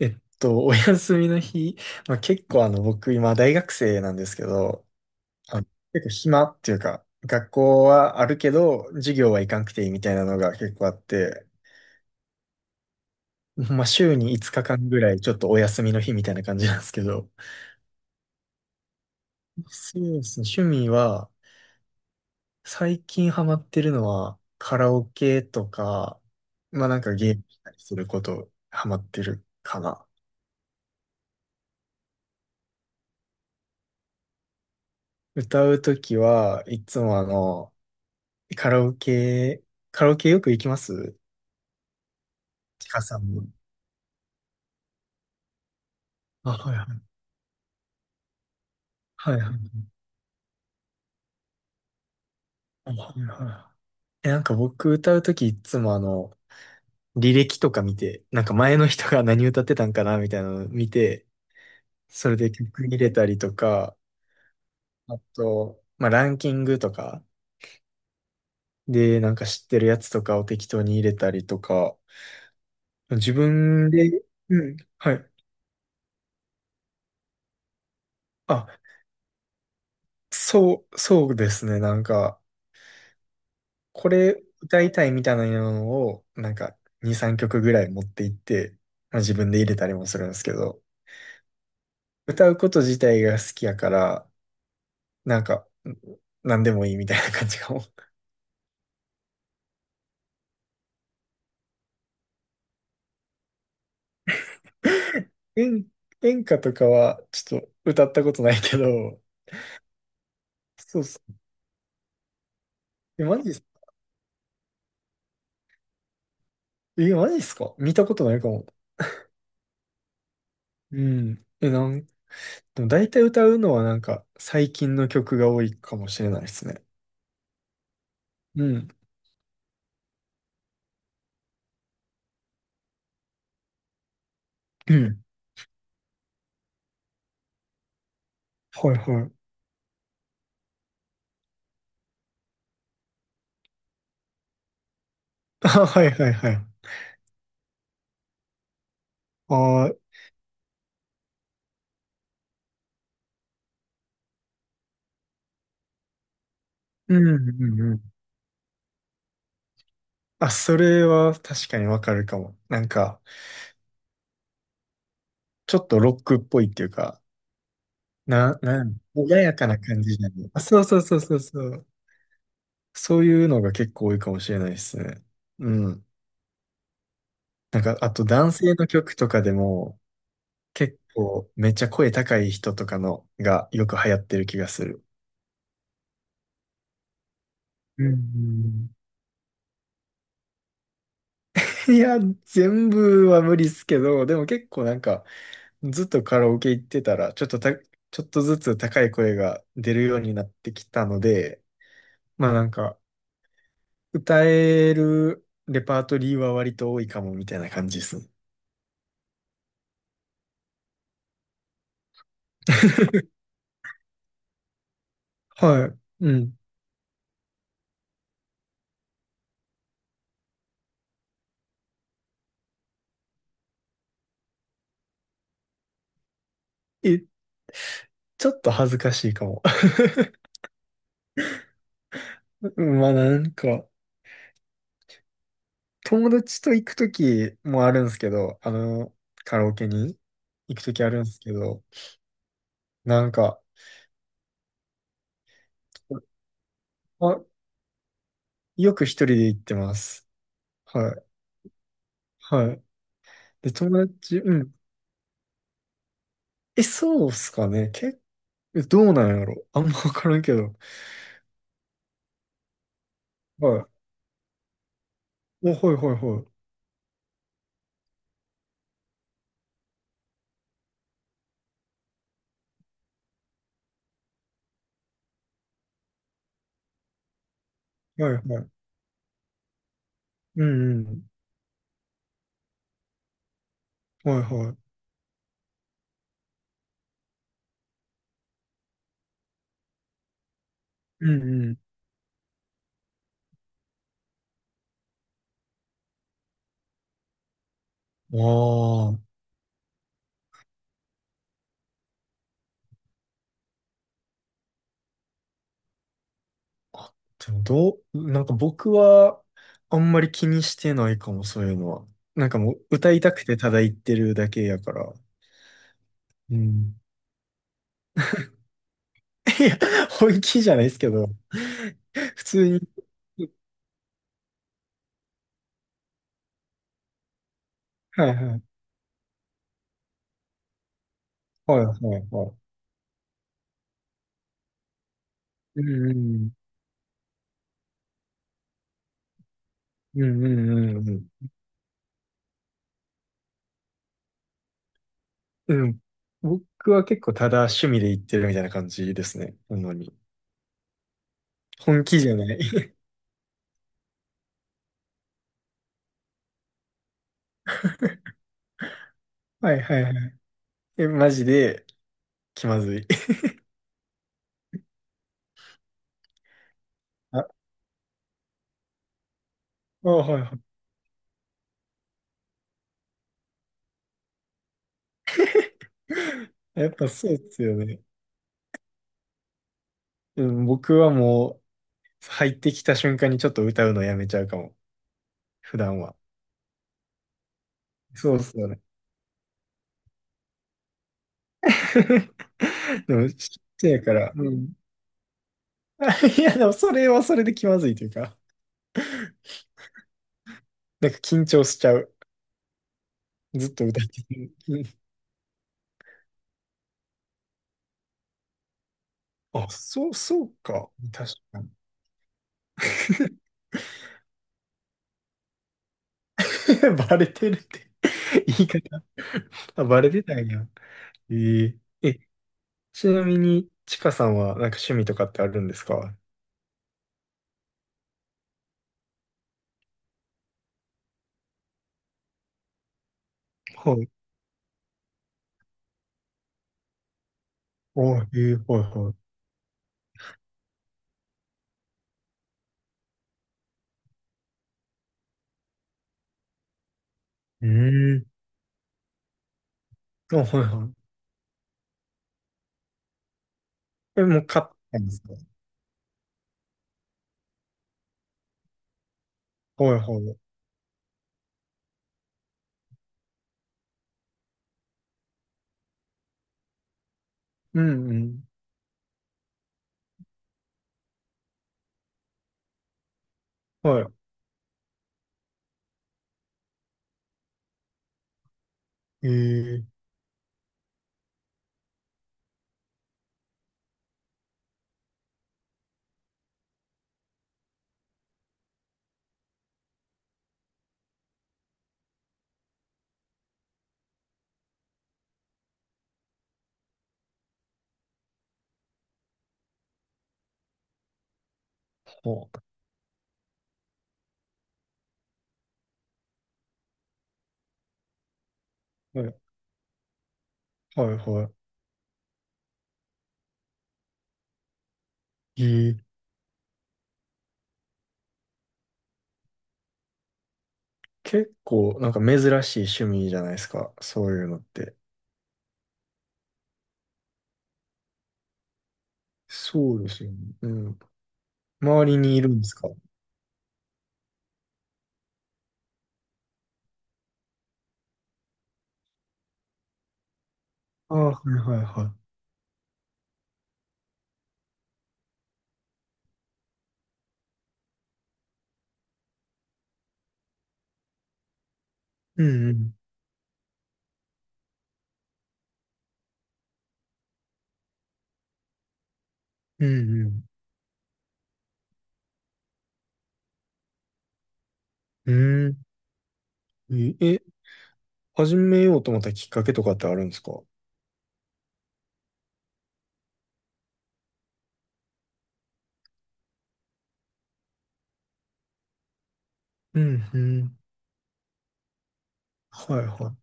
お休みの日、まあ、結構僕今大学生なんですけど、あの、結構暇っていうか、学校はあるけど、授業は行かんくていいみたいなのが結構あって、まあ、週に5日間ぐらいちょっとお休みの日みたいな感じなんですけど、そうですね、趣味は、最近ハマってるのは、カラオケとか、まあなんかゲームしたりすること、ハマってるかな。歌うときはいつもカラオケ、カラオケよく行きます。ちかさんも？あ、はいはい。はいはい。あ、はいはい。なんか僕歌うときいつも履歴とか見て、なんか前の人が何歌ってたんかなみたいなの見て、それで曲入れたりとか、あと、まあランキングとかでなんか知ってるやつとかを適当に入れたりとか、自分で、うん、はい。あ、そう、そうですね。なんか、これ歌いたいみたいなのを、なんか2、3曲ぐらい持っていって、まあ、自分で入れたりもするんですけど、歌うこと自体が好きやから、なんか、なんでもいいみたいな感じかも。演、演歌とかはちょっと歌ったことないけど、そうっす。マジっす、マジっすか。見たことないかも。うん。え、なん、でも大体歌うのはなんか最近の曲が多いかもしれないですね。うん。うん。はいはい。あ、はいはいはい。あ、うんうんうん。あ、それは確かにわかるかも。なんか、ちょっとロックっぽいっていうか、な、なん、穏やかな感じじゃない。あ、そうそうそうそうそう。そういうのが結構多いかもしれないですね。うん。なんか、あと男性の曲とかでも、結構めっちゃ声高い人とかのがよく流行ってる気がする。うんうんうん。いや、全部は無理っすけど、でも結構なんか、ずっとカラオケ行ってたら、ちょっとずつ高い声が出るようになってきたので、まあなんか、歌えるレパートリーは割と多いかもみたいな感じですね。はい。うん。え、ちょっと恥ずかしいかも。まあなんか、友達と行くときもあるんですけど、カラオケに行くときあるんですけど、なんか、あ、よく一人で行ってます。はい。はい。で、友達、うん。え、そうっすかね。どうなんやろ。あんまわからんけど。はい。お、はいはいはい。はいはい。うんうん。はいはい。うんうん。ああ、でもなんか僕はあんまり気にしてないかも、そういうのは。なんかもう歌いたくてただ言ってるだけやから。うん。いや、本気じゃないですけど。普通に。はいはい。はいはいはい。うんうん。うんうんうんうん。うん。僕は結構ただ趣味で行ってるみたいな感じですね。なのに。本気じゃない。はいはいはい。え、マジで気まずい。あ、あ、はいはい。やっぱそうですよね。うん、僕はもう入ってきた瞬間にちょっと歌うのやめちゃうかも。普段は。そうっすよね。でも、ちっちゃいから。うん。あ、いや、でもそれはそれで気まずいというか。なんか緊張しちゃう。ずっと歌ってて。うん。あ、そう、そうか。確かに。バレてるって言い方。あ、バレてたんや。えーえ、ちなみに、ちかさんはなんか趣味とかってあるんですか？はい。おはいはい。うーん。あ、はいはい。え、もう買ったんですか？はいはい。うんうん。はい。ー、はあ、はいはいはい。結構なんか珍しい趣味じゃないですか。そういうのって。そうですよね。うん。周りにいるんですか？ああ、はいはいはい。うんうん。うんうん。うーん。え、え始めようと思ったきっかけとかってあるんですか？うん、うん。はい、は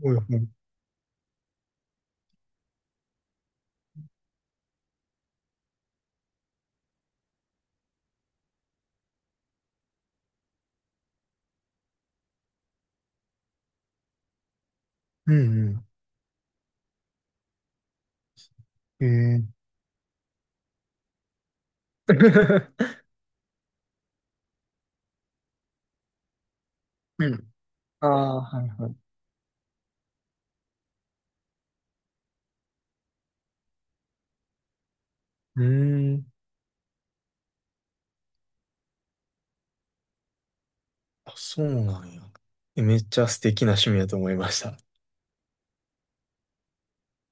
い。おい、はい。うん、うん。ー うん。ああ、はい、はい。うーん。あ、そうなんや。めっちゃ素敵な趣味だと思いました。